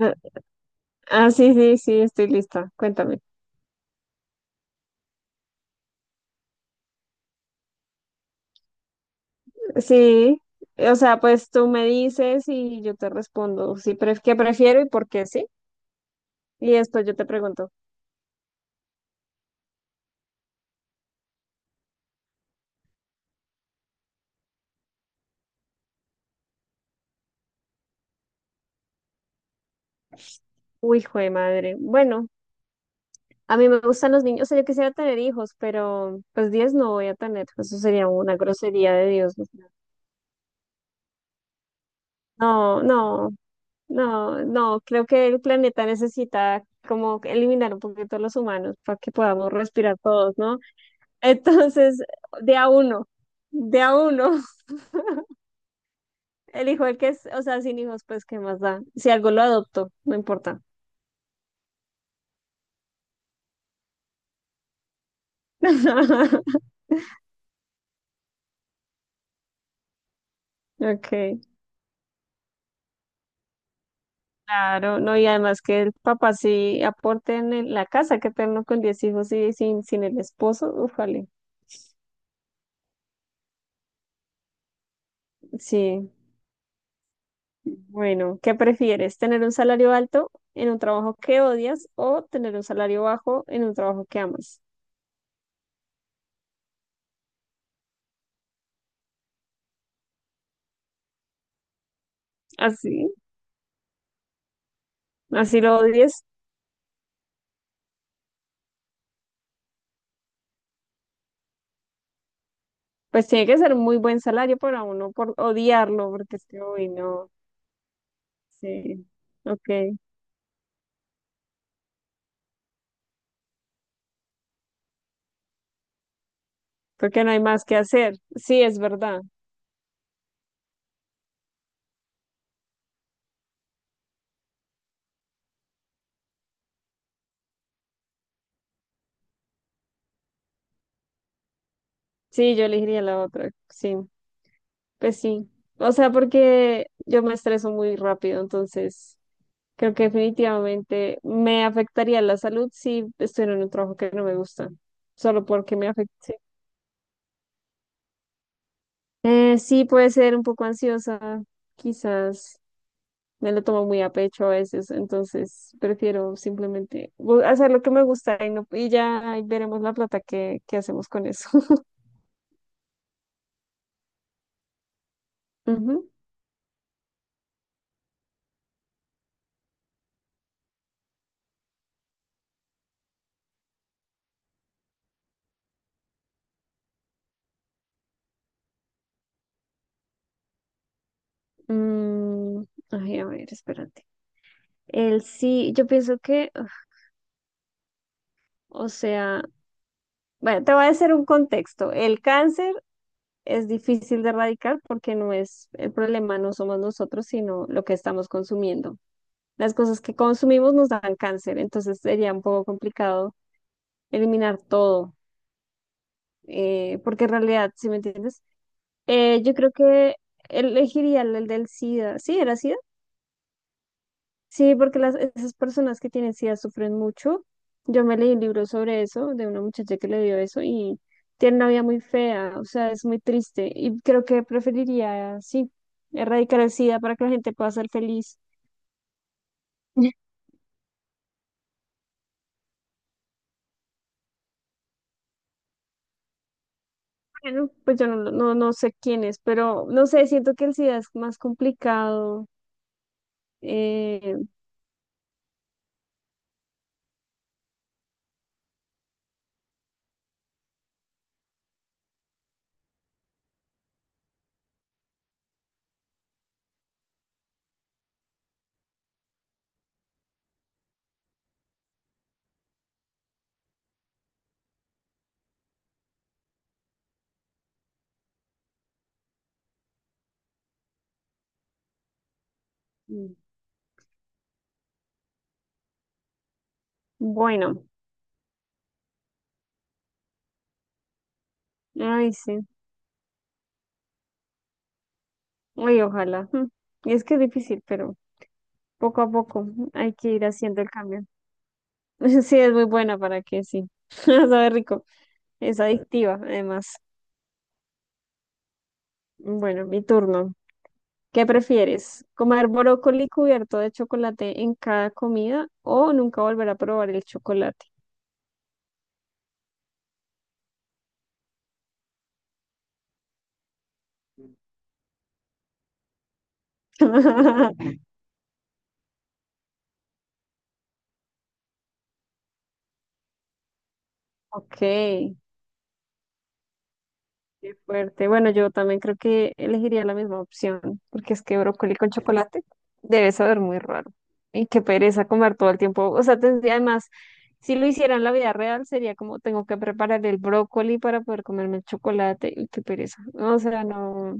Ah, ah, sí, sí, sí, estoy lista. Cuéntame. Sí, o sea, pues tú me dices y yo te respondo sí pref qué prefiero y por qué, ¿sí? Y después yo te pregunto. Uy, hijo de madre. Bueno, a mí me gustan los niños, o sea, yo quisiera tener hijos, pero pues 10 no voy a tener. Eso sería una grosería de Dios, ¿no? No, no, no, no, creo que el planeta necesita como eliminar un poquito a los humanos para que podamos respirar todos, ¿no? Entonces, de a uno, de a uno. El hijo el que es, O sea, sin hijos, pues, ¿qué más da? Si algo lo adoptó, no importa. Ok, claro, no, y además que el papá sí aporte en la casa, que tenerlo con 10 hijos y sin el esposo, ufale, sí. Bueno, ¿qué prefieres? ¿Tener un salario alto en un trabajo que odias o tener un salario bajo en un trabajo que amas? Así, así lo odies, pues tiene que ser muy buen salario para uno por odiarlo, porque es que, uy, no, sí, ok. Porque no hay más que hacer. Sí, es verdad. Sí, yo elegiría la otra. Sí, pues sí. O sea, porque yo me estreso muy rápido, entonces creo que definitivamente me afectaría la salud si estuviera en un trabajo que no me gusta, solo porque me afecte. Sí, puede ser un poco ansiosa, quizás me lo tomo muy a pecho a veces, entonces prefiero simplemente hacer lo que me gusta y, no, y ya ahí veremos la plata que hacemos con eso. Ujú. Mm, Ay, a ver, espérate. El sí, yo pienso que, uf, o sea, bueno, te voy a hacer un contexto. El cáncer es difícil de erradicar porque no es el problema, no somos nosotros, sino lo que estamos consumiendo. Las cosas que consumimos nos dan cáncer, entonces sería un poco complicado eliminar todo, porque en realidad, ¿si me entiendes? Yo creo que elegiría el del SIDA. Sí, era SIDA. Sí, porque las, esas personas que tienen SIDA sufren mucho. Yo me leí un libro sobre eso, de una muchacha que le dio eso y tiene una vida muy fea, o sea, es muy triste. Y creo que preferiría, sí, erradicar el SIDA para que la gente pueda ser feliz. Bueno, pues yo no, no sé quién es, pero no sé, siento que el SIDA es más complicado. Eh, bueno, ay, sí, ay, ojalá. Mm. Y es que es difícil, pero poco a poco hay que ir haciendo el cambio. Sí, es muy buena para que sí. Sabe rico. Es adictiva, además. Bueno, mi turno. ¿Qué prefieres? ¿Comer brócoli cubierto de chocolate en cada comida o nunca volver a probar el chocolate? Ok. Qué fuerte. Bueno, yo también creo que elegiría la misma opción, porque es que brócoli con chocolate debe saber muy raro. Y qué pereza comer todo el tiempo. O sea, tendría además, si lo hiciera en la vida real, sería como tengo que preparar el brócoli para poder comerme el chocolate. Y qué pereza. O sea, no.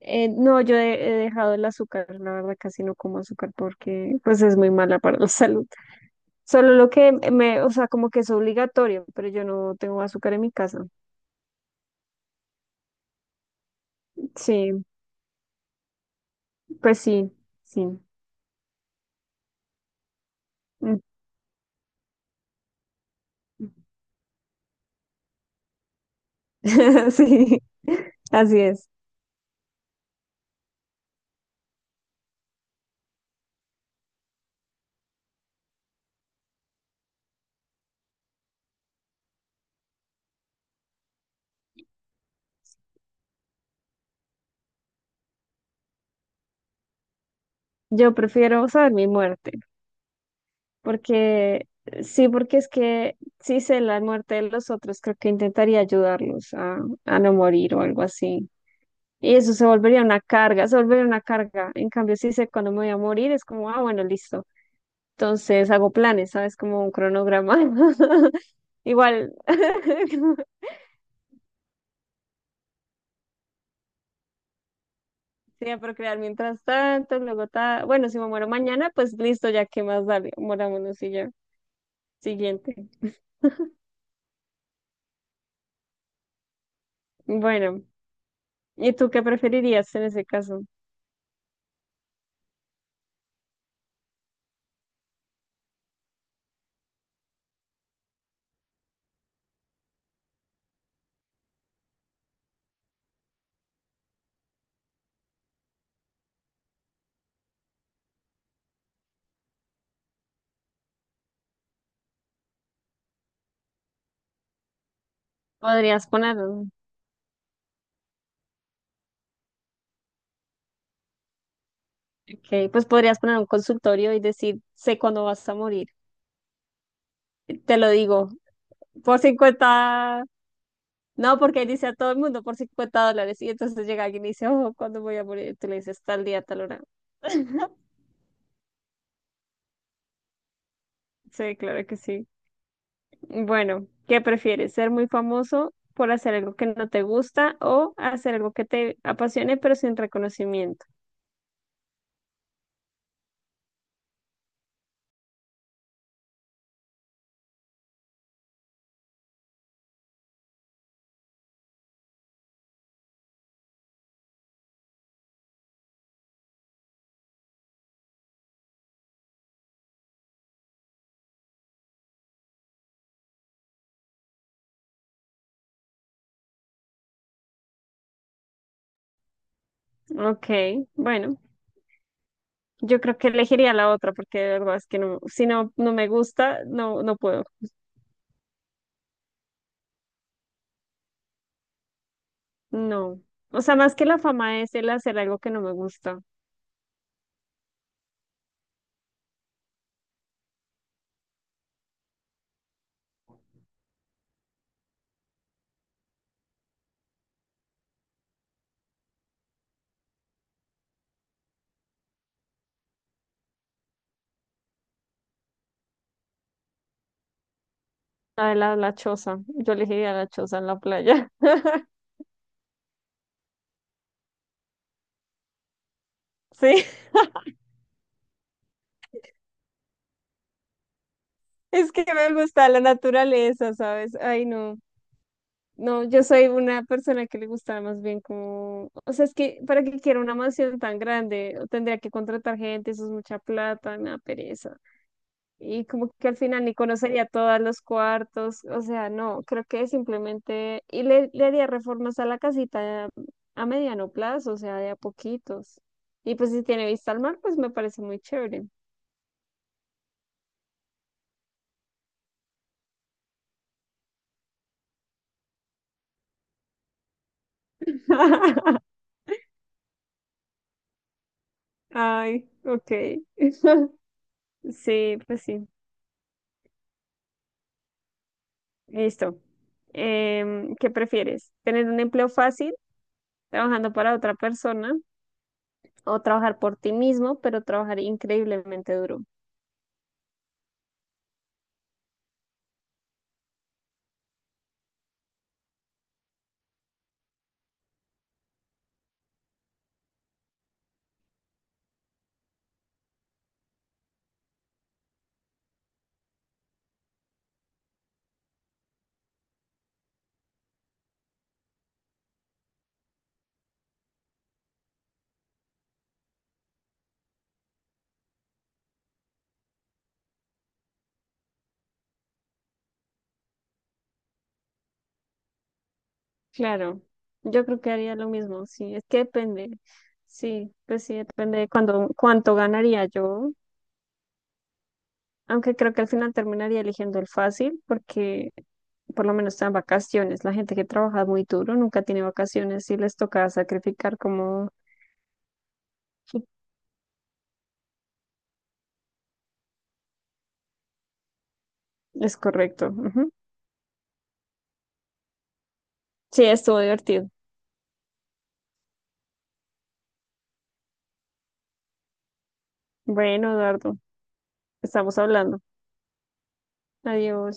No, yo he dejado el azúcar, la verdad casi no como azúcar porque pues es muy mala para la salud. Solo lo que me, o sea, como que es obligatorio, pero yo no tengo azúcar en mi casa. Sí, pues sí, sí. Mm. Sí, así es. Yo prefiero saber mi muerte, porque sí, porque es que si sé la muerte de los otros, creo que intentaría ayudarlos a no morir o algo así. Y eso se volvería una carga, se volvería una carga. En cambio, si sé cuándo me voy a morir, es como, ah, bueno, listo. Entonces hago planes, ¿sabes? Como un cronograma. Igual, sí, a procrear mientras tanto, luego ta... Bueno, si me muero mañana, pues listo, ya qué más da, morámonos y ya. Siguiente. Bueno, ¿y tú qué preferirías en ese caso? Podrías poner, un- ok, pues podrías poner un consultorio y decir, sé cuándo vas a morir. Te lo digo, por 50. No, porque ahí dice a todo el mundo por $50 y entonces llega alguien y dice, oh, ¿cuándo voy a morir? Y tú le dices, tal día, tal hora. Sí, claro que sí. Bueno, ¿qué prefieres? ¿Ser muy famoso por hacer algo que no te gusta o hacer algo que te apasione pero sin reconocimiento? Ok, bueno, yo creo que elegiría la otra porque de verdad es que no, si no, no me gusta, no, no puedo. No. O sea, más que la fama es el hacer algo que no me gusta. La de la choza. Yo elegiría la choza en la playa. Sí, es que me gusta la naturaleza, ¿sabes? Ay, no. No, yo soy una persona que le gusta más bien como, o sea, es que para que quiera una mansión tan grande, o tendría que contratar gente, eso es mucha plata, me da pereza. Y como que al final ni conocería todos los cuartos, o sea, no, creo que simplemente, y le haría reformas a la casita a mediano plazo, o sea, de a poquitos. Y pues si tiene vista al mar, pues me parece muy chévere. Ay, ok. Sí, pues sí. Listo. ¿Qué prefieres? ¿Tener un empleo fácil trabajando para otra persona o trabajar por ti mismo, pero trabajar increíblemente duro? Claro, yo creo que haría lo mismo. Sí, es que depende. Sí, pues sí, depende de cuánto ganaría yo. Aunque creo que al final terminaría eligiendo el fácil porque por lo menos están vacaciones. La gente que trabaja muy duro nunca tiene vacaciones y les toca sacrificar como es correcto. Ujú. Sí, estuvo divertido. Bueno, Eduardo. Estamos hablando. Adiós.